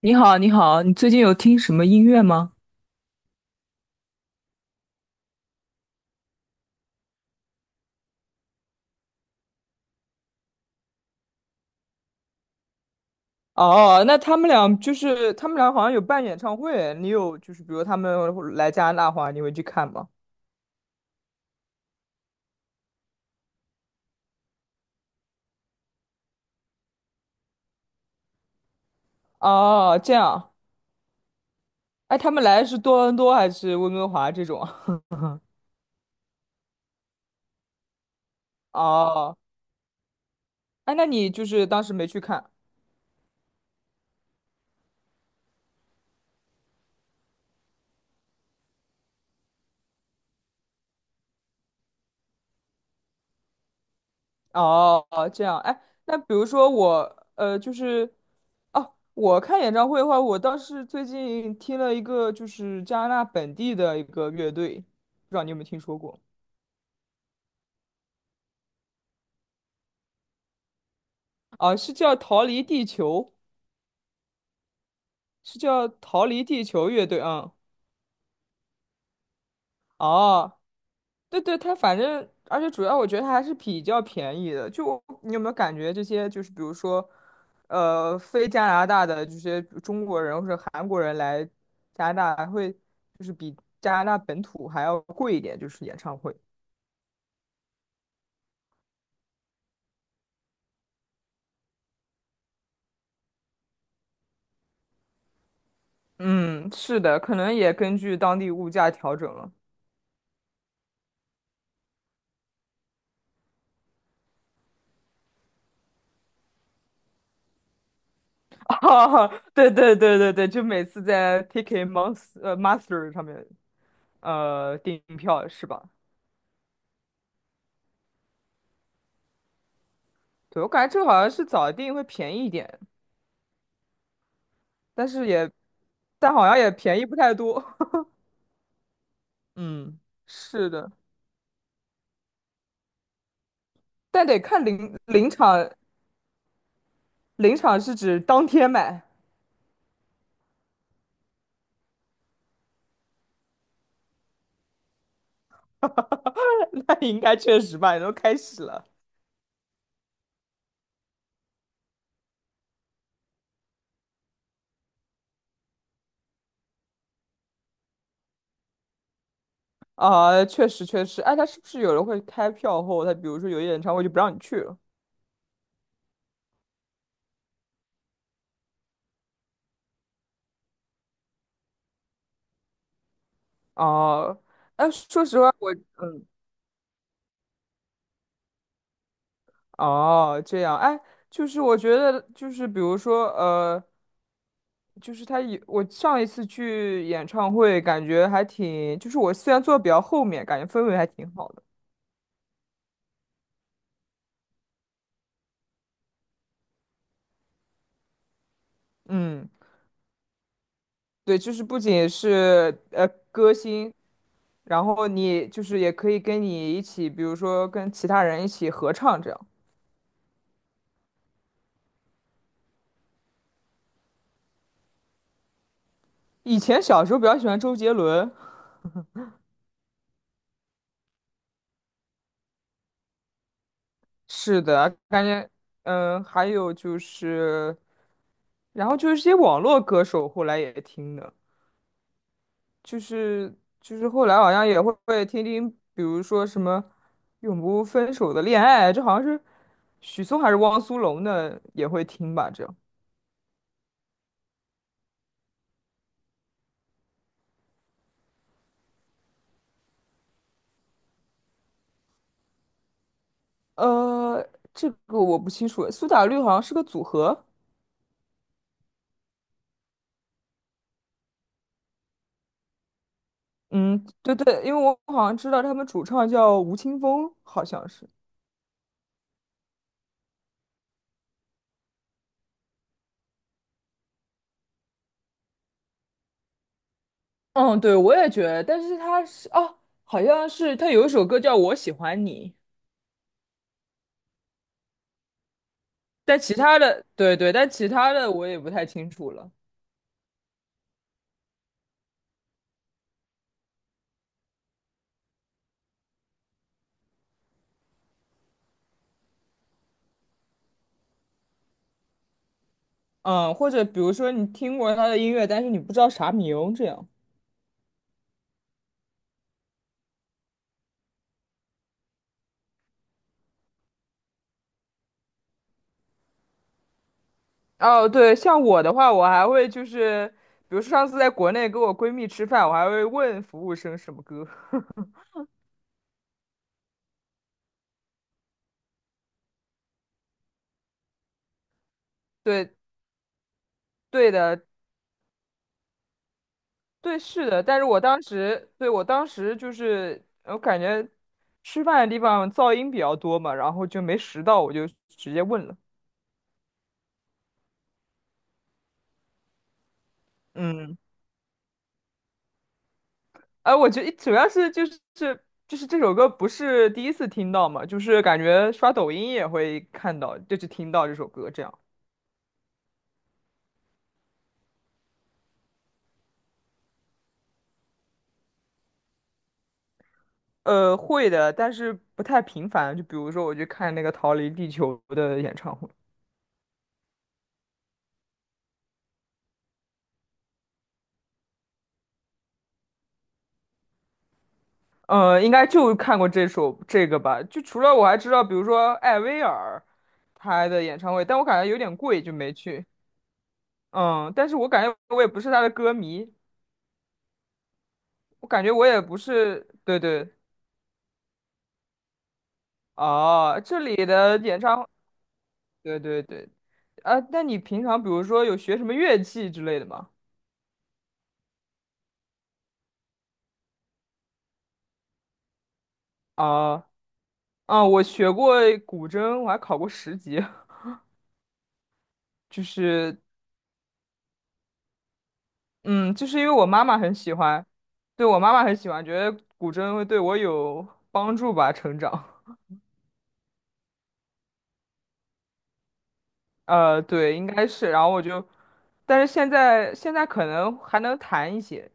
你好，你好，你最近有听什么音乐吗？哦，那他们俩好像有办演唱会，你有就是比如他们来加拿大的话，你会去看吗？哦，这样，哎，他们来是多伦多还是温哥华这种啊？ 哦，哎，那你就是当时没去看？哦，这样，哎，那比如说我，就是哦，我看演唱会的话，我倒是最近听了一个就是加拿大本地的一个乐队，不知道你有没有听说过？啊，是叫逃离地球，是叫逃离地球乐队啊。哦，对对，它反正，而且主要我觉得它还是比较便宜的。就我你有没有感觉这些，就是比如说，非加拿大的这些中国人或者韩国人来加拿大，还会就是比加拿大本土还要贵一点，就是演唱会。嗯，是的，可能也根据当地物价调整了。哈哈，对对对对对，就每次在 Ticket Monster Master 上面订票是吧？对，我感觉这个好像是早订会便宜一点，但是也但好像也便宜不太多。嗯，是的，但得看临场，临场是指当天买，那应该确实吧，也都开始了。啊，确实确实，哎，他是不是有人会开票后，他比如说有些演唱会就不让你去了？哦，哎，说实话，我嗯。哦，这样，哎，就是我觉得，就是比如说，就是他有，我上一次去演唱会，感觉还挺，就是我虽然坐得比较后面，感觉氛围还挺好的。嗯，对，就是不仅是歌星，然后你就是也可以跟你一起，比如说跟其他人一起合唱这样。以前小时候比较喜欢周杰伦，是的，嗯，还有就是，然后就是一些网络歌手，后来也听的。就是就是后来好像也会听听，比如说什么永不分手的恋爱，这好像是许嵩还是汪苏泷的也会听吧？这样，呃，这个我不清楚，苏打绿好像是个组合，嗯，对对，因为我好像知道他们主唱叫吴青峰，好像是，嗯，对，我也觉得，但是他是哦，好像是他有一首歌叫《我喜欢你》，但其他的，对对，但其他的我也不太清楚了。嗯，或者比如说你听过他的音乐，但是你不知道啥名，这样。哦，对，像我的话，我还会就是，比如说上次在国内跟我闺蜜吃饭，我还会问服务生什么歌。对，对的，对，是的。但是我当时，对，我当时就是，我感觉吃饭的地方噪音比较多嘛，然后就没拾到，我就直接问了。嗯。哎，我觉得主要是就是就是这首歌不是第一次听到嘛，就是感觉刷抖音也会看到，就是听到这首歌这样。会的，但是不太频繁。就比如说，我去看那个《逃离地球》的演唱会，呃，应该就看过这首这个吧。就除了我还知道，比如说艾薇儿他的演唱会，但我感觉有点贵，就没去。嗯，但是我感觉我也不是他的歌迷，我感觉我也不是，对对。哦，这里的演唱，对对对，啊，那你平常比如说有学什么乐器之类的吗？啊我学过古筝，我还考过十级，就是嗯，就是因为我妈妈很喜欢，对我妈妈很喜欢，觉得古筝会对我有帮助吧，成长。呃，对，应该是，然后我就，但是现在可能还能弹一些，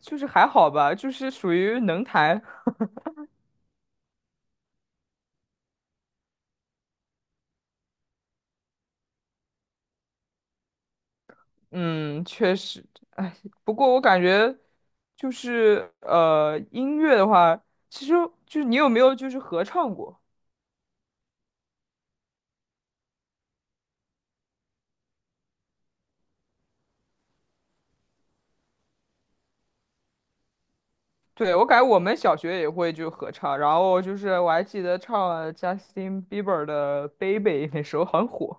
就是还好吧，就是属于能弹。嗯，确实，哎，不过我感觉就是音乐的话，其实就是你有没有就是合唱过？对，我感觉我们小学也会就合唱，然后就是我还记得唱了 Justin Bieber 的《Baby》，那时候很火。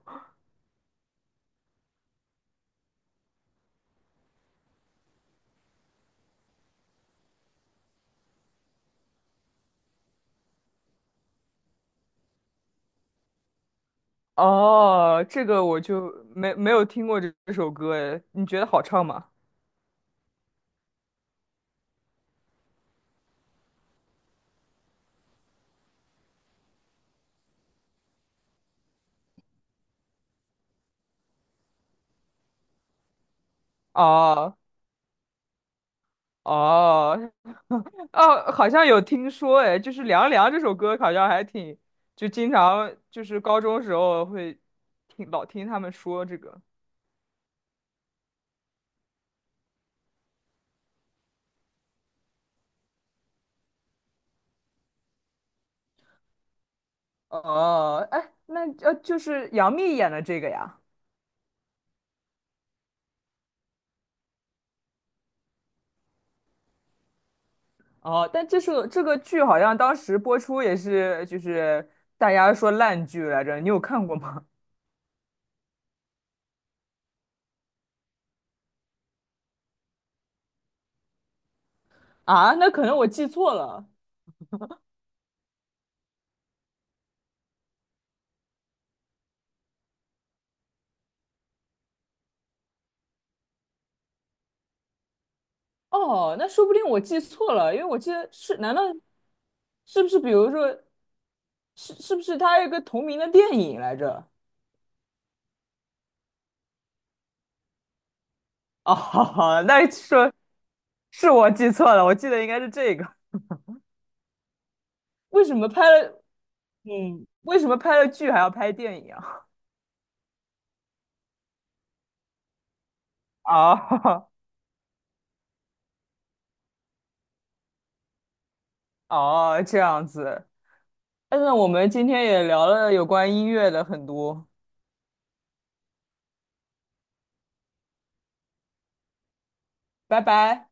哦，这个我就没有听过这首歌，哎，你觉得好唱吗？哦哦，哦，好像有听说，哎，就是《凉凉》这首歌，好像还挺，就经常就是高中时候会听老听他们说这个。哦，哎，那就是杨幂演的这个呀。哦，但这是这个剧好像当时播出也是，就是大家说烂剧来着，你有看过吗？啊，那可能我记错了。哦，那说不定我记错了，因为我记得是，难道是不是比如说，是不是它有一个同名的电影来着？哦，那说是我记错了，我记得应该是这个。为什么拍了 嗯，为什么拍了剧还要拍电影啊？哦 哦，这样子。哎那我们今天也聊了有关音乐的很多，拜拜。